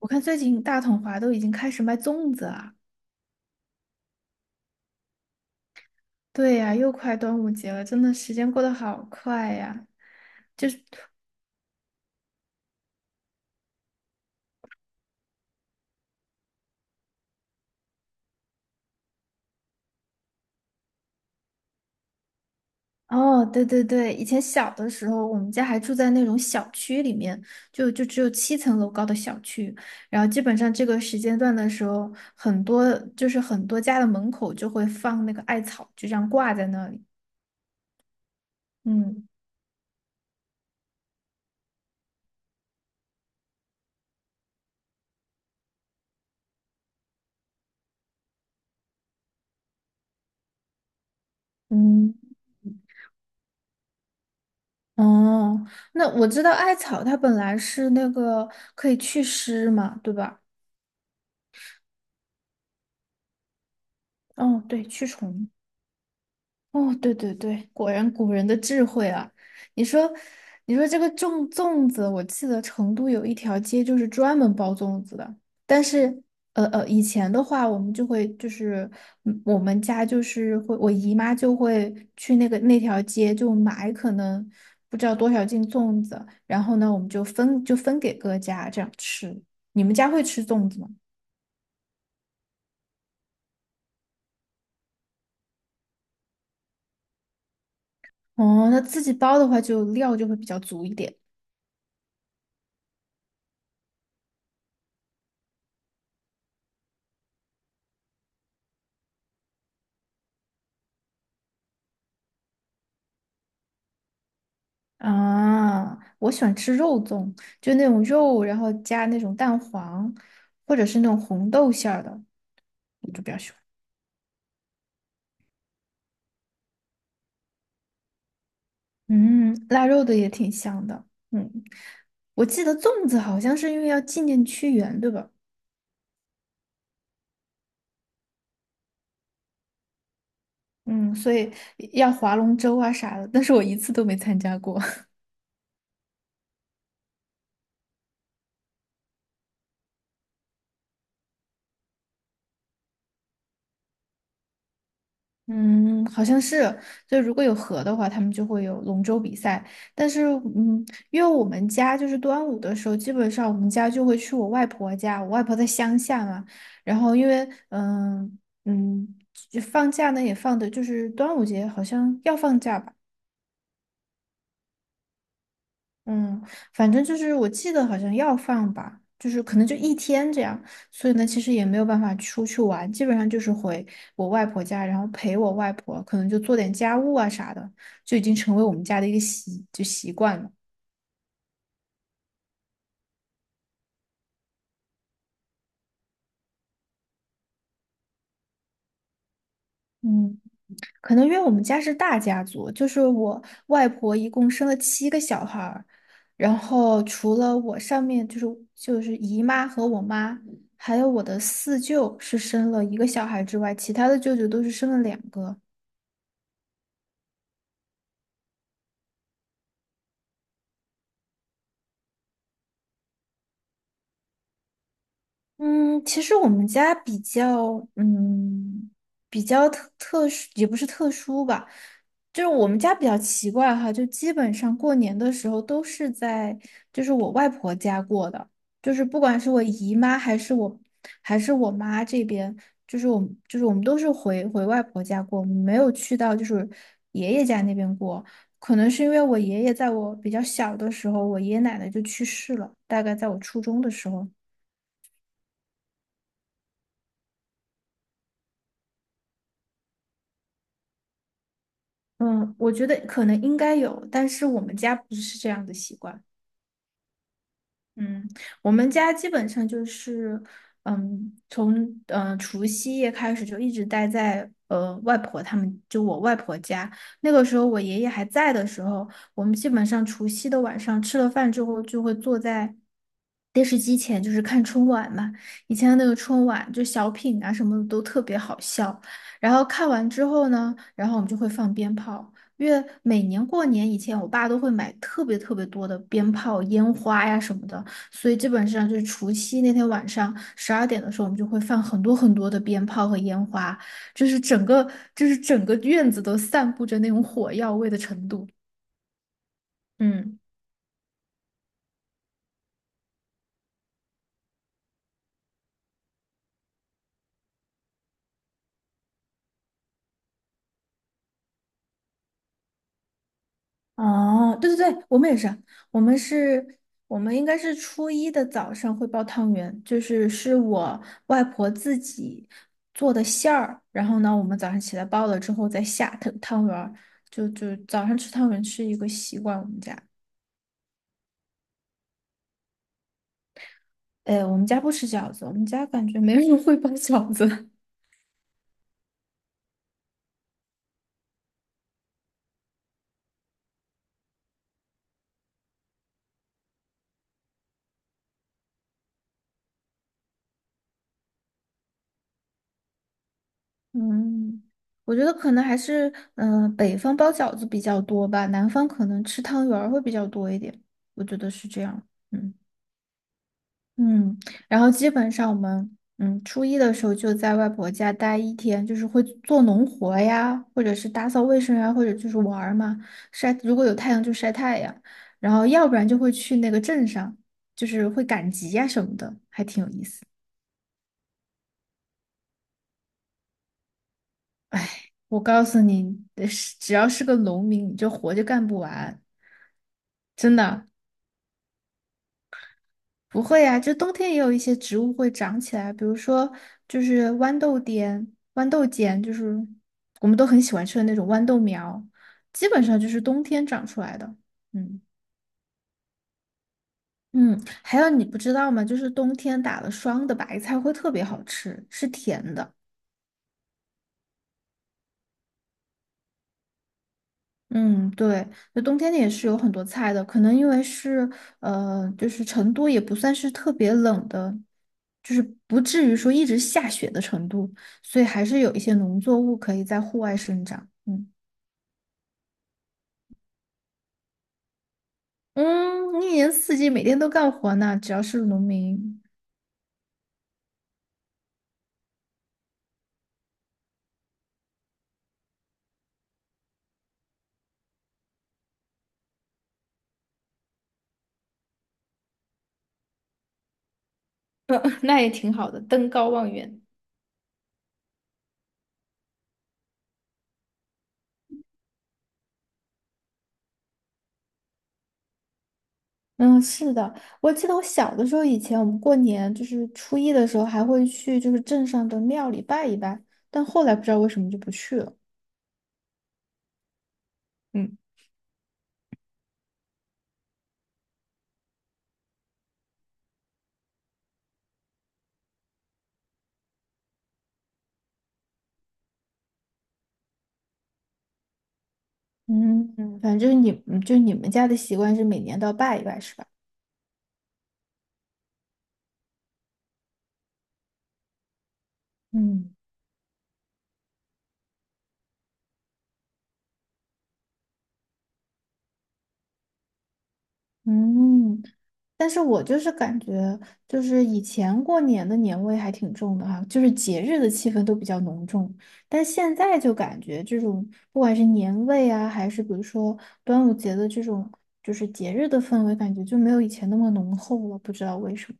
我看最近大统华都已经开始卖粽子了。对呀，又快端午节了，真的时间过得好快呀。就是，哦，对对对，以前小的时候，我们家还住在那种小区里面，就只有7层楼高的小区，然后基本上这个时间段的时候，很多家的门口就会放那个艾草，就这样挂在那里。嗯嗯。哦，那我知道艾草它本来是那个可以祛湿嘛，对吧？哦，对，驱虫。哦，对对对，果然古人的智慧啊！你说，你说这个粽子，我记得成都有一条街就是专门包粽子的。但是，以前的话，我们就会就是，我们家就是会，我姨妈就会去那条街就买可能不知道多少斤粽子，然后呢，我们就分给各家这样吃。你们家会吃粽子吗？哦，那自己包的话，就料就会比较足一点。啊，我喜欢吃肉粽，就那种肉，然后加那种蛋黄，或者是那种红豆馅儿的，我就比较喜欢。嗯，腊肉的也挺香的。嗯，我记得粽子好像是因为要纪念屈原，对吧？嗯，所以要划龙舟啊啥的，但是我一次都没参加过。嗯，好像是，就如果有河的话，他们就会有龙舟比赛。但是，嗯，因为我们家就是端午的时候，基本上我们家就会去我外婆家，我外婆在乡下嘛。然后，因为，嗯，就放假呢也放的，就是端午节好像要放假吧。嗯，反正就是我记得好像要放吧，就是可能就一天这样，所以呢，其实也没有办法出去玩，基本上就是回我外婆家，然后陪我外婆，可能就做点家务啊啥的，就已经成为我们家的一个习惯了。嗯，可能因为我们家是大家族，就是我外婆一共生了7个小孩儿，然后除了我上面就是姨妈和我妈。还有我的四舅是生了一个小孩之外，其他的舅舅都是生了两个。嗯，其实我们家比较，嗯，比较特殊，也不是特殊吧，就是我们家比较奇怪哈，就基本上过年的时候都是在，就是我外婆家过的，就是不管是我姨妈还是我，还是我妈这边，我们都是回外婆家过，没有去到就是爷爷家那边过，可能是因为我爷爷在我比较小的时候，我爷爷奶奶就去世了，大概在我初中的时候。嗯，我觉得可能应该有，但是我们家不是这样的习惯。嗯，我们家基本上就是，从除夕夜开始就一直待在外婆他们，就我外婆家。那个时候我爷爷还在的时候，我们基本上除夕的晚上吃了饭之后，就会坐在电视机前，就是看春晚嘛。以前的那个春晚就小品啊什么的都特别好笑。然后看完之后呢，然后我们就会放鞭炮。因为每年过年以前，我爸都会买特别特别多的鞭炮、烟花呀什么的。所以基本上就是除夕那天晚上12点的时候，我们就会放很多很多的鞭炮和烟花，就是整个整个院子都散布着那种火药味的程度。嗯，哦，对对对，我们也是，我们是，我们应该是初一的早上会包汤圆，就是我外婆自己做的馅儿，然后呢，我们早上起来包了之后再下汤圆儿，就早上吃汤圆是一个习惯，我们家。哎，我们家不吃饺子，我们家感觉没人会包饺子。嗯，我觉得可能还是北方包饺子比较多吧，南方可能吃汤圆儿会比较多一点，我觉得是这样。嗯嗯，然后基本上我们初一的时候就在外婆家待一天，就是会做农活呀，或者是打扫卫生呀，或者就是玩儿嘛，晒，如果有太阳就晒太阳，然后要不然就会去那个镇上，就是会赶集呀什么的，还挺有意思。我告诉你，是只要是个农民，你这活就干不完，真的不会呀、就冬天也有一些植物会长起来，比如说就是豌豆尖，就是我们都很喜欢吃的那种豌豆苗，基本上就是冬天长出来的。嗯嗯，还有你不知道吗？就是冬天打了霜的白菜会特别好吃，是甜的。嗯，对，那冬天也是有很多菜的，可能因为是就是成都也不算是特别冷的，就是不至于说一直下雪的程度，所以还是有一些农作物可以在户外生长。嗯嗯，一年四季每天都干活呢，只要是农民。那也挺好的，登高望远。嗯，是的，我记得我小的时候，以前我们过年就是初一的时候还会去就是镇上的庙里拜一拜，但后来不知道为什么就不去了。嗯。嗯，反正你就你们家的习惯是每年都要拜一拜，是吧？嗯嗯，但是我就是感觉，就是以前过年的年味还挺重的哈，就是节日的气氛都比较浓重，但现在就感觉这种不管是年味啊，还是比如说端午节的这种就是节日的氛围，感觉就没有以前那么浓厚了，不知道为什么。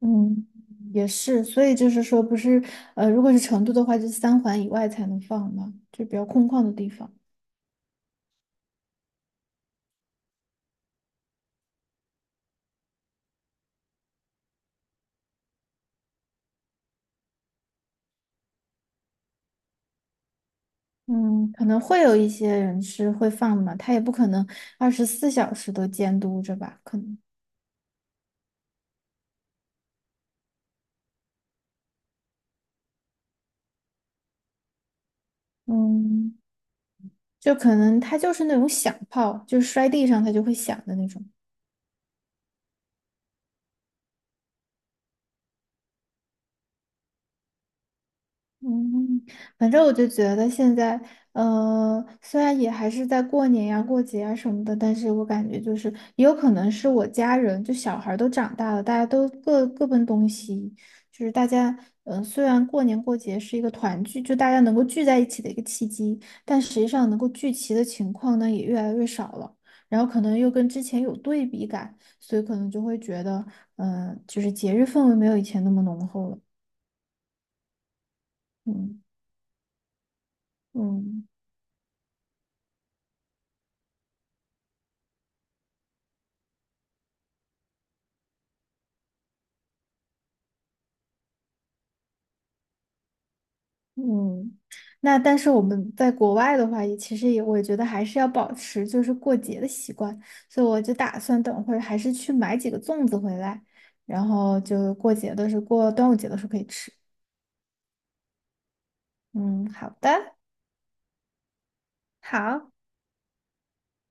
嗯，也是，所以就是说，不是如果是成都的话，就是三环以外才能放嘛，就比较空旷的地方。嗯，可能会有一些人是会放嘛，他也不可能24小时都监督着吧，可能，嗯，就可能他就是那种响炮，就是摔地上他就会响的那种。嗯，反正我就觉得现在，虽然也还是在过年呀、过节啊什么的，但是我感觉就是也有可能是我家人，就小孩儿都长大了，大家都各奔东西，就是大家，虽然过年过节是一个团聚，就大家能够聚在一起的一个契机，但实际上能够聚齐的情况呢也越来越少了，然后可能又跟之前有对比感，所以可能就会觉得，就是节日氛围没有以前那么浓厚了，嗯嗯。嗯，那但是我们在国外的话，也其实也我觉得还是要保持就是过节的习惯，所以我就打算等会儿还是去买几个粽子回来，然后就过节的时候，过端午节的时候可以吃。嗯，好的，好。